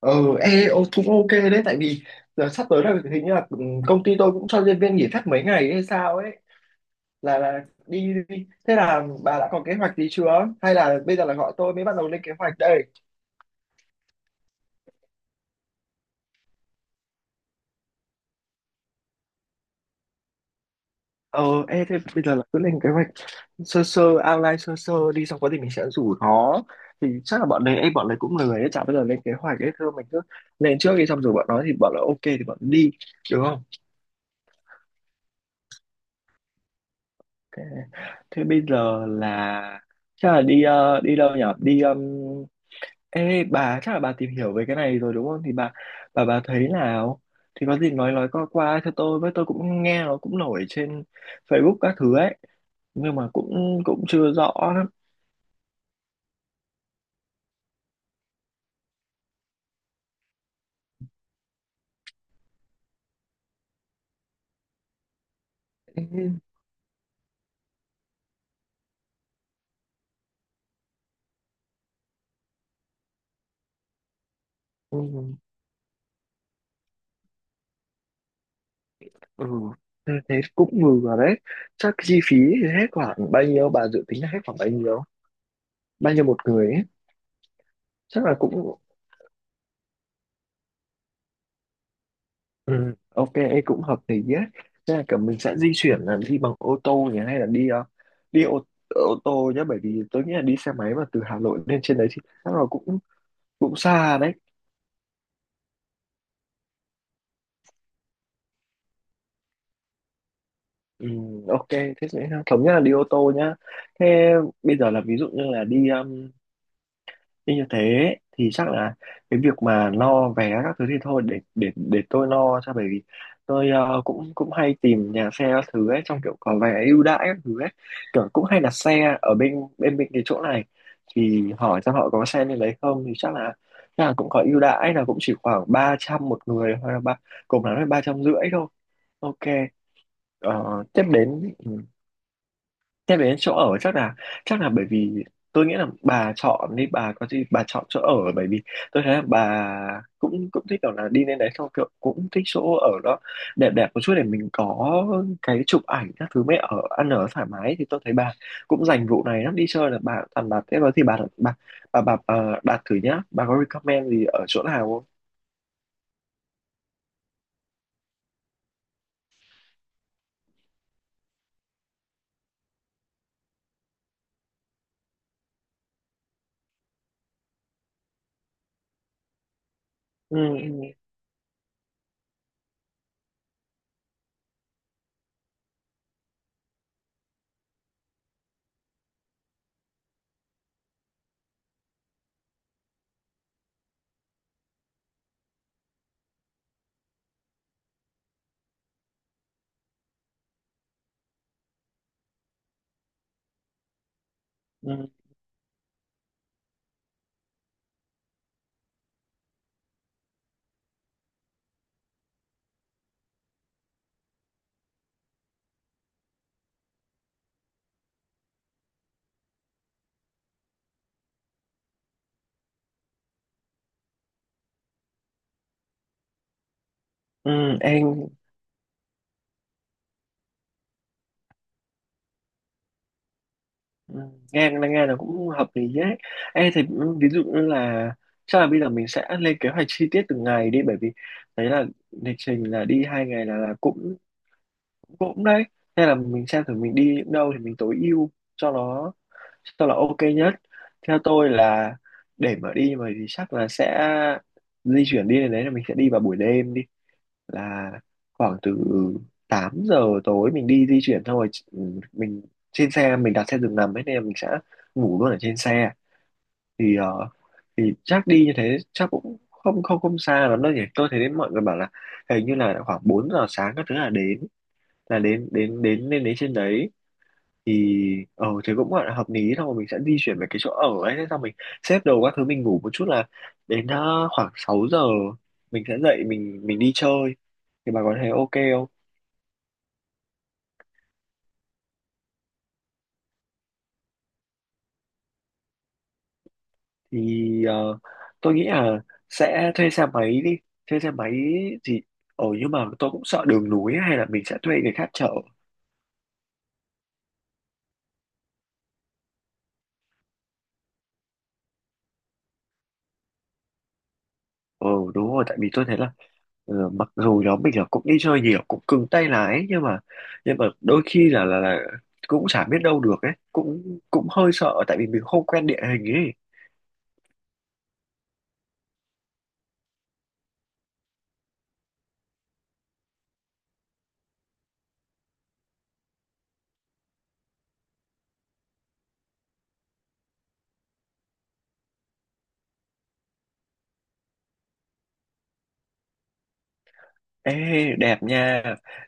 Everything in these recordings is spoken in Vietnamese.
Ờ, cũng ok đấy tại vì giờ sắp tới là hình như là công ty tôi cũng cho nhân viên nghỉ phép mấy ngày hay sao ấy là đi. Thế là bà đã có kế hoạch gì chưa? Hay là bây giờ là gọi tôi mới bắt đầu lên kế hoạch đây? Thế bây giờ là cứ lên kế hoạch sơ sơ outline sơ sơ đi, xong có gì mình sẽ rủ nó. Thì chắc là bọn đấy cũng lười ấy, chả bao giờ lên kế hoạch ấy, thôi mình cứ lên trước đi, xong rồi bọn nó thì bọn là ok thì bọn nó đi, được không? Thế, thế bây giờ là chắc là đi đâu nhỉ? Đi Ê bà chắc là bà tìm hiểu về cái này rồi đúng không? Thì bà thấy nào? Thì có gì nói qua qua cho tôi với, tôi cũng nghe nó cũng nổi trên Facebook các thứ ấy, nhưng mà cũng cũng chưa rõ lắm. Ê, ừ, ừ, thế thế cũng ngừ rồi đấy. Chắc chi phí thì hết khoảng bao nhiêu? Bà dự tính là hết khoảng bao nhiêu? Bao nhiêu một người ấy? Chắc là cũng ừ, ok, ấy cũng hợp lý nhé. Thế là cả mình sẽ di chuyển là đi bằng ô tô nhỉ, hay là đi ô tô nhé, bởi vì tôi nghĩ là đi xe máy mà từ Hà Nội lên trên đấy thì chắc là cũng cũng xa đấy. Ừ, ok, thế sẽ thống nhất là đi ô tô nhá. Thế bây giờ là ví dụ như là đi như như thế thì chắc là cái việc mà lo vé các thứ thì thôi để tôi lo cho, bởi vì tôi cũng cũng hay tìm nhà xe các thứ ấy, trong kiểu có vé ưu đãi các thứ ấy, kiểu cũng hay đặt xe ở bên bên bên cái chỗ này, thì hỏi xem họ có xe nên lấy không, thì chắc là cũng có ưu đãi là cũng chỉ khoảng 300 một người, hoặc là ba, cùng lắm là 350 thôi, ok. Ờ, tiếp đến nhắc đến chỗ ở chắc là bởi vì tôi nghĩ là bà chọn đi, bà có gì bà chọn chỗ ở, bởi vì tôi thấy là bà cũng cũng thích kiểu là đi lên đấy, xong kiểu cũng thích chỗ ở đó đẹp đẹp một chút, để mình có cái chụp ảnh các thứ, mới ở ăn ở thoải mái. Thì tôi thấy bà cũng dành vụ này lắm, đi chơi là bà toàn bà thế đó, thì bà đặt thử nhá, bà có recommend gì ở chỗ nào không? ừ, ừ, ừ, ừ, em ừ, nghe là cũng hợp lý đấy. Ê, thì ví dụ như là chắc là bây giờ mình sẽ lên kế hoạch chi tiết từng ngày đi, bởi vì đấy là lịch trình là đi 2 ngày là cũng cũng đấy, nên là mình xem thử mình đi những đâu thì mình tối ưu cho nó, cho là ok nhất. Theo tôi là để mà đi mà thì chắc là sẽ di chuyển đi đến đấy là mình sẽ đi vào buổi đêm đi, là khoảng từ 8 giờ tối mình đi di chuyển thôi. Ừ, mình trên xe mình đặt xe giường nằm ấy nên là mình sẽ ngủ luôn ở trên xe, thì ờ, thì chắc đi như thế chắc cũng không không không xa lắm đâu nhỉ, tôi thấy đến mọi người bảo là hình như là khoảng 4 giờ sáng các thứ là đến, là đến đến đến lên đến trên đấy. Thì cũng gọi là hợp lý thôi, mình sẽ di chuyển về cái chỗ ở ấy, thế xong mình xếp đồ các thứ, mình ngủ một chút là đến khoảng 6 giờ mình sẽ dậy, mình đi chơi, thì bà có thấy ok không? thì ờ, tôi nghĩ là sẽ thuê xe máy đi, thuê xe máy. Thì ờ nhưng mà tôi cũng sợ đường núi, hay là mình sẽ thuê người khác chở. Ờ, đúng rồi, tại vì tôi thấy là mặc dù nhóm mình là cũng đi chơi nhiều, cũng cứng tay lái, nhưng mà đôi khi là cũng chả biết đâu được ấy, cũng cũng hơi sợ tại vì mình không quen địa hình ấy. Ê, đẹp nha,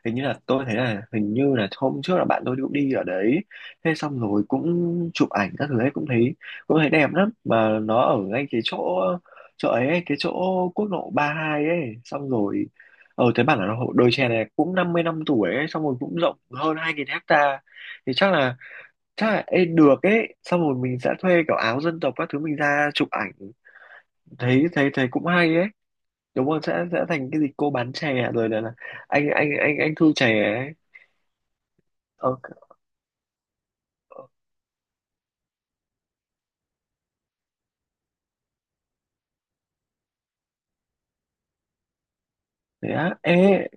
hình như là tôi thấy là hình như là hôm trước là bạn tôi cũng đi ở đấy, thế xong rồi cũng chụp ảnh các thứ ấy, cũng thấy đẹp lắm, mà nó ở ngay cái chỗ, chỗ ấy ấy, cái chỗ quốc lộ 32 ấy, xong rồi thấy bảo là nó- đồi chè này cũng 50 năm tuổi ấy, xong rồi cũng rộng hơn 2.000 hecta. Thì chắc là được ấy, xong rồi mình sẽ thuê kiểu áo dân tộc các thứ mình ra chụp ảnh, thấy thấy thấy cũng hay ấy, đúng không? Sẽ thành cái gì, cô bán chè à? Rồi là anh thu chè ấy. ờ, thế á? Ê,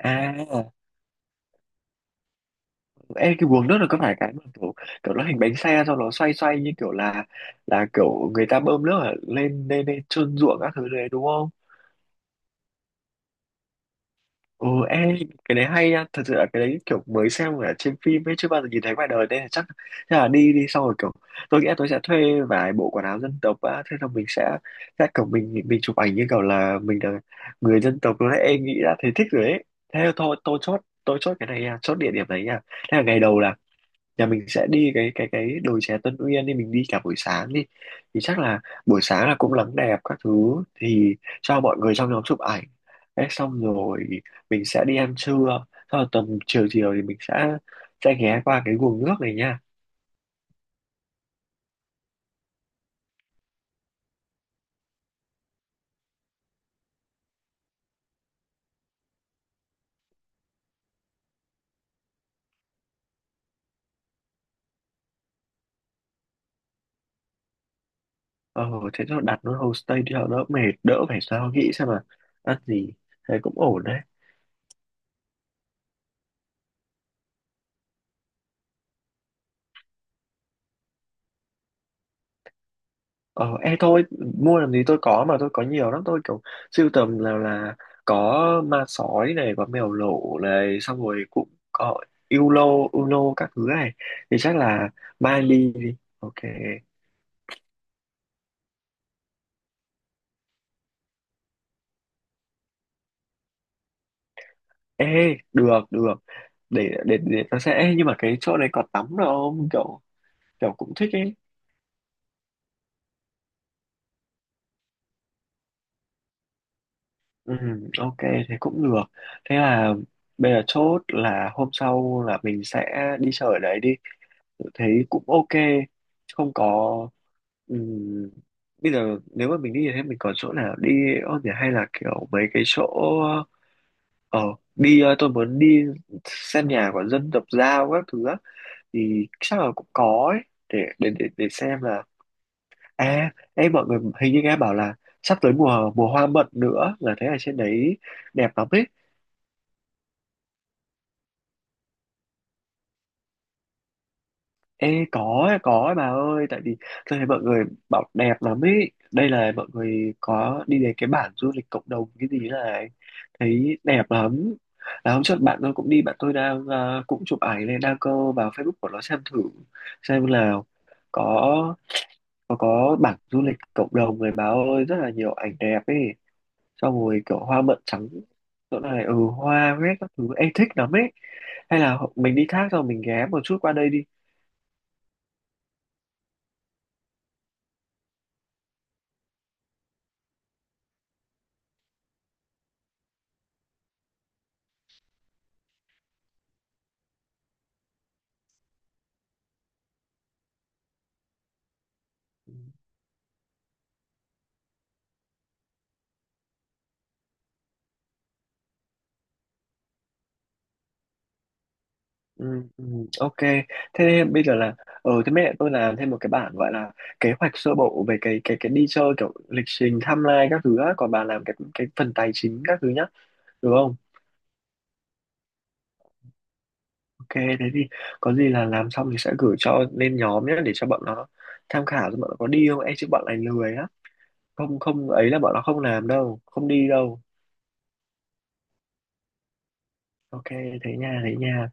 à, ê, cái guồng nước là có phải cái mà kiểu, kiểu nó hình bánh xe sau nó xoay xoay, như kiểu là kiểu người ta bơm nước ở lên lên lên trơn ruộng các thứ đấy, đúng không? Ừ, em, cái đấy hay nha, thật sự là cái đấy kiểu mới xem ở trên phim ấy, chưa bao giờ nhìn thấy ngoài đời, nên là chắc là đi đi xong rồi kiểu tôi nghĩ là tôi sẽ thuê vài bộ quần áo dân tộc á, thế là mình sẽ kiểu mình chụp ảnh như kiểu là mình là người dân tộc luôn đấy, em nghĩ đã thấy thích rồi đấy. Thế thôi, tôi chốt cái này nha, chốt địa điểm này nha. Thế là ngày đầu là nhà mình sẽ đi cái đồi chè Tân Uyên đi, mình đi cả buổi sáng đi, thì chắc là buổi sáng là cũng nắng đẹp các thứ thì cho mọi người trong nhóm chụp ảnh. Thế xong rồi mình sẽ đi ăn trưa, sau rồi tầm chiều chiều thì mình sẽ ghé qua cái guồng nước này nha. ờ thế cho đặt nó homestay đi cho đỡ mệt, đỡ phải sao nghĩ xem mà ăn gì, thế cũng ổn đấy. Ờ, e thôi, mua làm gì, tôi có, mà tôi có nhiều lắm, tôi kiểu sưu tầm là có ma sói này, có mèo lỗ này, xong rồi cũng có Uno, Uno các thứ này. Thì chắc là mai ly đi. Ok. Ê, được, được. Để tôi sẽ, ê, nhưng mà cái chỗ này có tắm được không? Kiểu kiểu cũng thích ấy. Ừ, ok, thế cũng được. Thế là bây giờ chốt là hôm sau là mình sẽ đi chơi ở đấy đi. Tôi thấy cũng ok, không có ừm, bây giờ nếu mà mình đi thì thấy mình còn chỗ nào đi không nhỉ, hay là kiểu mấy cái chỗ, ờ tôi muốn đi xem nhà của dân tộc Dao các thứ á, thì chắc là cũng có ấy. Để xem là, à em mọi người hình như nghe bảo là sắp tới mùa mùa hoa mận nữa, là thấy ở trên đấy đẹp lắm ấy. Ê có ấy bà ơi, tại vì tôi thấy mọi người bảo đẹp lắm ấy. Đây là mọi người có đi đến cái bản du lịch cộng đồng cái gì này, thấy đẹp lắm, là hôm trước bạn tôi cũng đi, bạn tôi đang cũng chụp ảnh lên đăng cơ vào Facebook của nó, xem thử xem là có có bản du lịch cộng đồng này bà ơi, rất là nhiều ảnh đẹp ấy, xong rồi kiểu hoa mận trắng chỗ này ừ hoa hết các thứ em thích lắm ấy, hay là mình đi thác rồi mình ghé một chút qua đây đi. Ừ, ừ, ok, thế bây giờ là thế mẹ tôi làm thêm một cái bản gọi là kế hoạch sơ bộ về cái đi chơi kiểu lịch trình timeline các thứ á, còn bà làm cái phần tài chính các thứ nhá, được không? Ok, thế thì có gì là làm xong thì sẽ gửi cho lên nhóm nhé, để cho bọn nó tham khảo, cho bọn nó có đi không, e chứ bọn này lười á, không không ấy là bọn nó không làm đâu, không đi đâu. Ok, thế nha, thế nha.